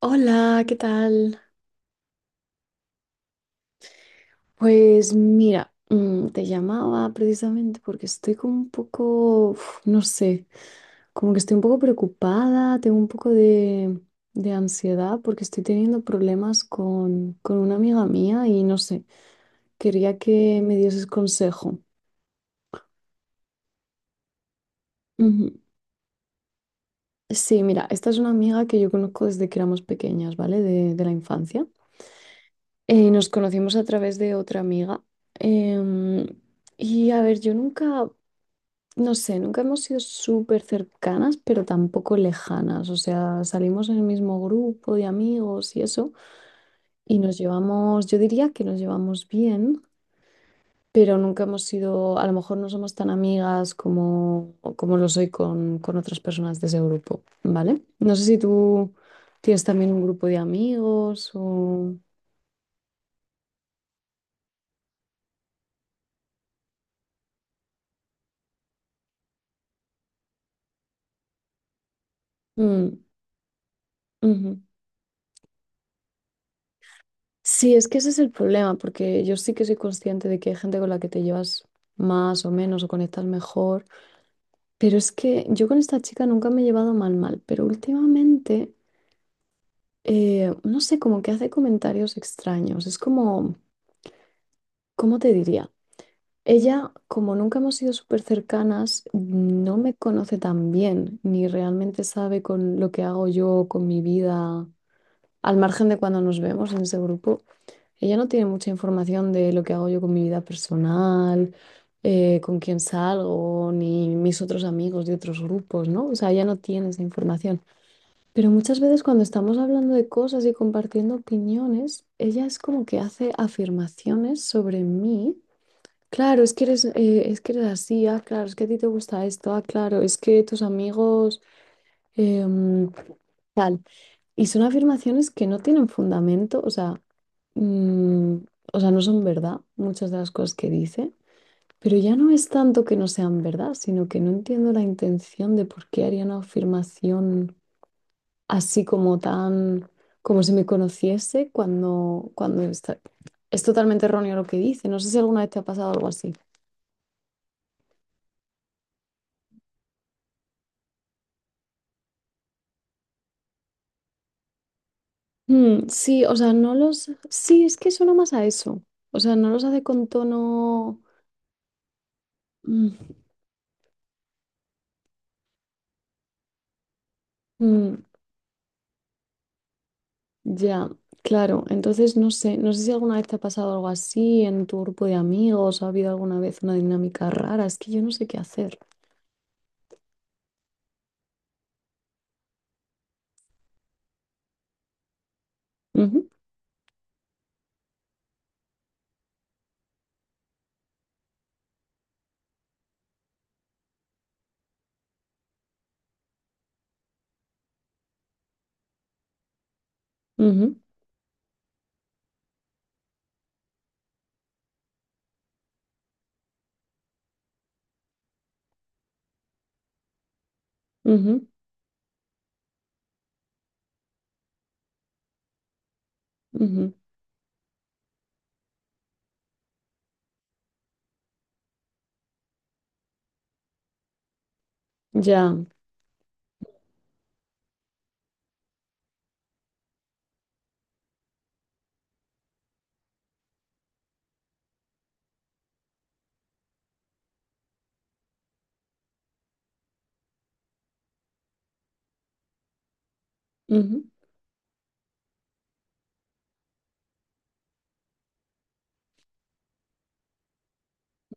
Hola, ¿qué tal? Pues mira, te llamaba precisamente porque estoy como un poco, no sé, como que estoy un poco preocupada, tengo un poco de ansiedad porque estoy teniendo problemas con una amiga mía y no sé, quería que me dieses consejo. Ujú. Sí, mira, esta es una amiga que yo conozco desde que éramos pequeñas, ¿vale? De la infancia. Nos conocimos a través de otra amiga. Em, y a ver, yo nunca... No sé, nunca hemos sido súper cercanas, pero tampoco lejanas. O sea, salimos en el mismo grupo de amigos y eso, y nos llevamos, yo diría que nos llevamos bien, pero nunca hemos sido, a lo mejor no somos tan amigas como lo soy con otras personas de ese grupo, ¿vale? No sé si tú tienes también un grupo de amigos o... Mm, ujú. Sí, es que ese es el problema, porque yo sí que soy consciente de que hay gente con la que te llevas más o menos o conectas mejor. Pero es que yo con esta chica nunca me he llevado mal, mal, pero últimamente, no sé, como que hace comentarios extraños. Es como, ¿cómo te diría? Ella, como nunca hemos sido súper cercanas, no me conoce tan bien, ni realmente sabe con lo que hago yo, con mi vida, al margen de cuando nos vemos en ese grupo. Ella no tiene mucha información de lo que hago yo con mi vida personal, con quién salgo, ni mis otros amigos de otros grupos, ¿no? O sea, ella no tiene esa información. Pero muchas veces cuando estamos hablando de cosas y compartiendo opiniones, ella es como que hace afirmaciones sobre mí. Claro, es que eres así, ah, claro, es que a ti te gusta esto, ah, claro, es que tus amigos, em, tal. Y son afirmaciones que no tienen fundamento, o sea, mm, o sea, no son verdad muchas de las cosas que dice, pero ya no es tanto que no sean verdad, sino que no entiendo la intención de por qué haría una afirmación así como tan, como si me conociese Es totalmente erróneo lo que dice. No sé si alguna vez te ha pasado algo así. Mm, sí, o sea, no los... Sí, es que suena más a eso. O sea, no los hace con tono... Mm, mm, ya, claro. Entonces, no sé, no sé si alguna vez te ha pasado algo así en tu grupo de amigos, ha habido alguna vez una dinámica rara. Es que yo no sé qué hacer. Ujú, ujú, ujú, ujú. Ya. Ujú,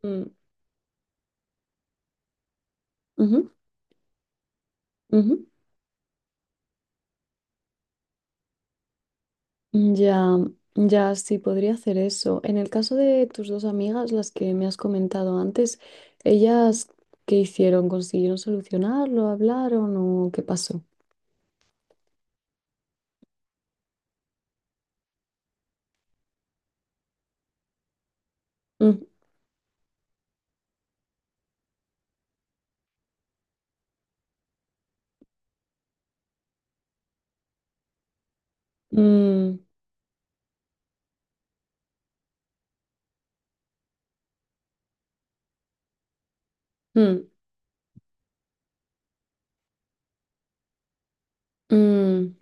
mm, ujú, ujú. Ya, ya, sí, podría hacer eso. En el caso de tus dos amigas, las que me has comentado antes, ¿ellas qué hicieron? ¿Consiguieron solucionarlo? ¿Hablaron o qué pasó? Mm, mm, mm, mm,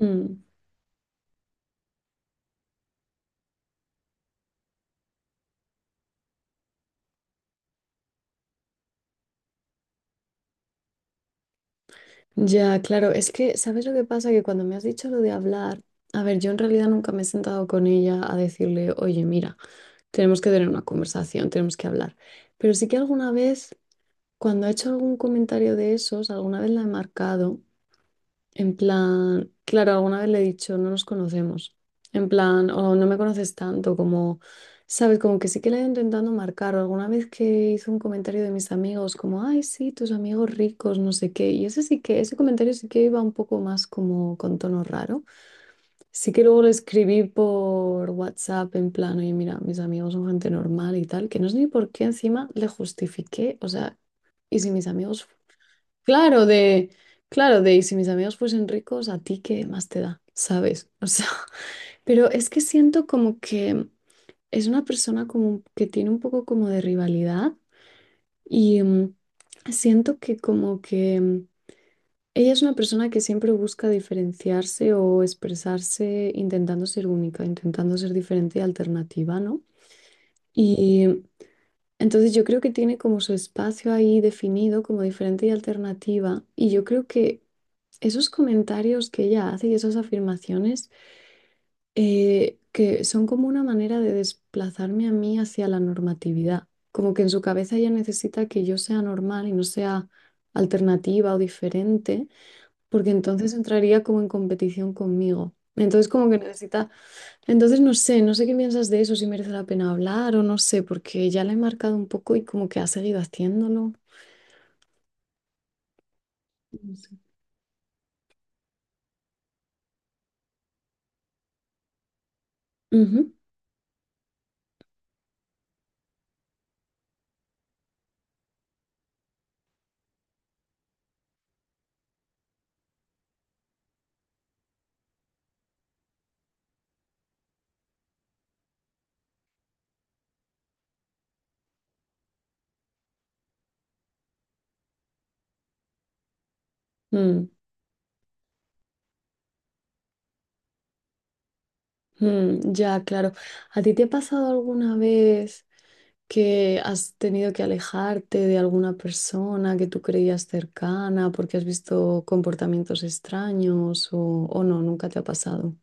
mm. Ya, claro, es que, ¿sabes lo que pasa? Que cuando me has dicho lo de hablar, a ver, yo en realidad nunca me he sentado con ella a decirle, oye, mira, tenemos que tener una conversación, tenemos que hablar. Pero sí que alguna vez, cuando ha hecho algún comentario de esos, alguna vez la he marcado. En plan, claro, alguna vez le he dicho, no nos conocemos. En plan, o no me conoces tanto, como, sabes, como que sí que le he ido intentando marcar. O alguna vez que hizo un comentario de mis amigos, como, ay, sí, tus amigos ricos, no sé qué. Y ese sí que, ese comentario sí que iba un poco más como con tono raro. Sí que luego le escribí por WhatsApp, en plan, oye, mira, mis amigos son gente normal y tal, que no sé ni por qué encima le justifiqué. O sea, y si mis amigos Claro, de, claro, de, y si mis amigos fuesen ricos, ¿a ti qué más te da? ¿Sabes? O sea, pero es que siento como que es una persona como que tiene un poco como de rivalidad y siento que como que ella es una persona que siempre busca diferenciarse o expresarse intentando ser única, intentando ser diferente y alternativa, ¿no? Y entonces yo creo que tiene como su espacio ahí definido como diferente y alternativa y yo creo que esos comentarios que ella hace y esas afirmaciones que son como una manera de desplazarme a mí hacia la normatividad. Como que en su cabeza ella necesita que yo sea normal y no sea alternativa o diferente, porque entonces entraría como en competición conmigo. Entonces como que necesita, entonces no sé, no sé qué piensas de eso, si merece la pena hablar o no sé, porque ya la he marcado un poco y como que ha seguido haciéndolo. No sé. Ujú. Mm. Mm, ya, claro. ¿A ti te ha pasado alguna vez que has tenido que alejarte de alguna persona que tú creías cercana porque has visto comportamientos extraños o no? Nunca te ha pasado.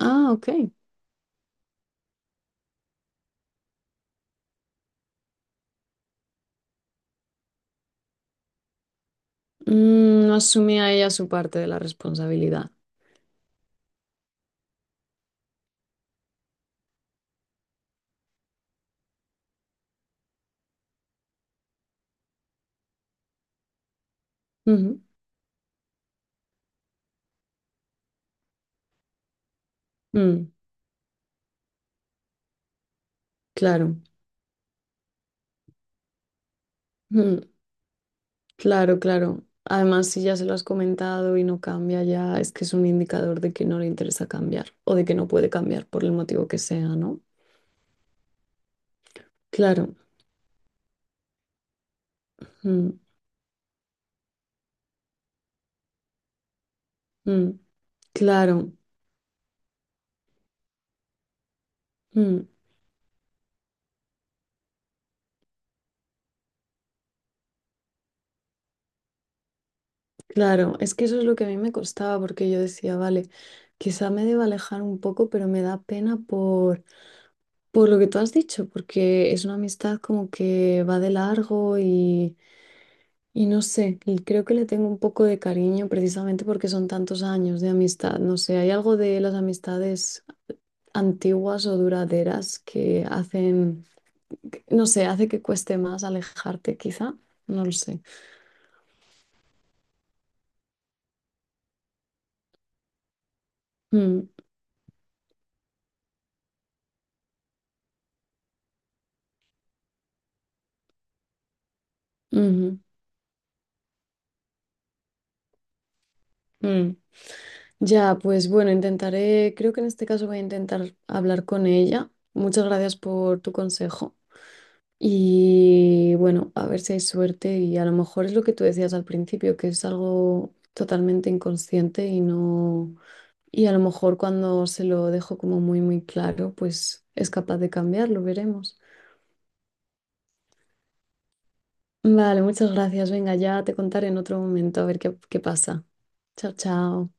Ah, ok. Mm, no asumía ella su parte de la responsabilidad. Ujú. Mm, claro. Mm, claro, claro. Además, si ya se lo has comentado y no cambia ya, es que es un indicador de que no le interesa cambiar o de que no puede cambiar por el motivo que sea, ¿no? Claro. Mm, mm, claro, mm, claro. Es que eso es lo que a mí me costaba, porque yo decía, vale, quizá me deba alejar un poco, pero me da pena por lo que tú has dicho, porque es una amistad como que va de largo y no sé, y creo que le tengo un poco de cariño precisamente porque son tantos años de amistad. No sé, hay algo de las amistades antiguas o duraderas que hacen, no sé, hace que cueste más alejarte, quizá, no lo sé. Mm, ujú. Mm. Ya, pues bueno, intentaré, creo que en este caso voy a intentar hablar con ella. Muchas gracias por tu consejo. Y bueno, a ver si hay suerte y a lo mejor es lo que tú decías al principio, que es algo totalmente inconsciente y no... Y a lo mejor cuando se lo dejo como muy, muy claro, pues es capaz de cambiarlo, veremos. Vale, muchas gracias. Venga, ya te contaré en otro momento a ver qué pasa. Chao, chao.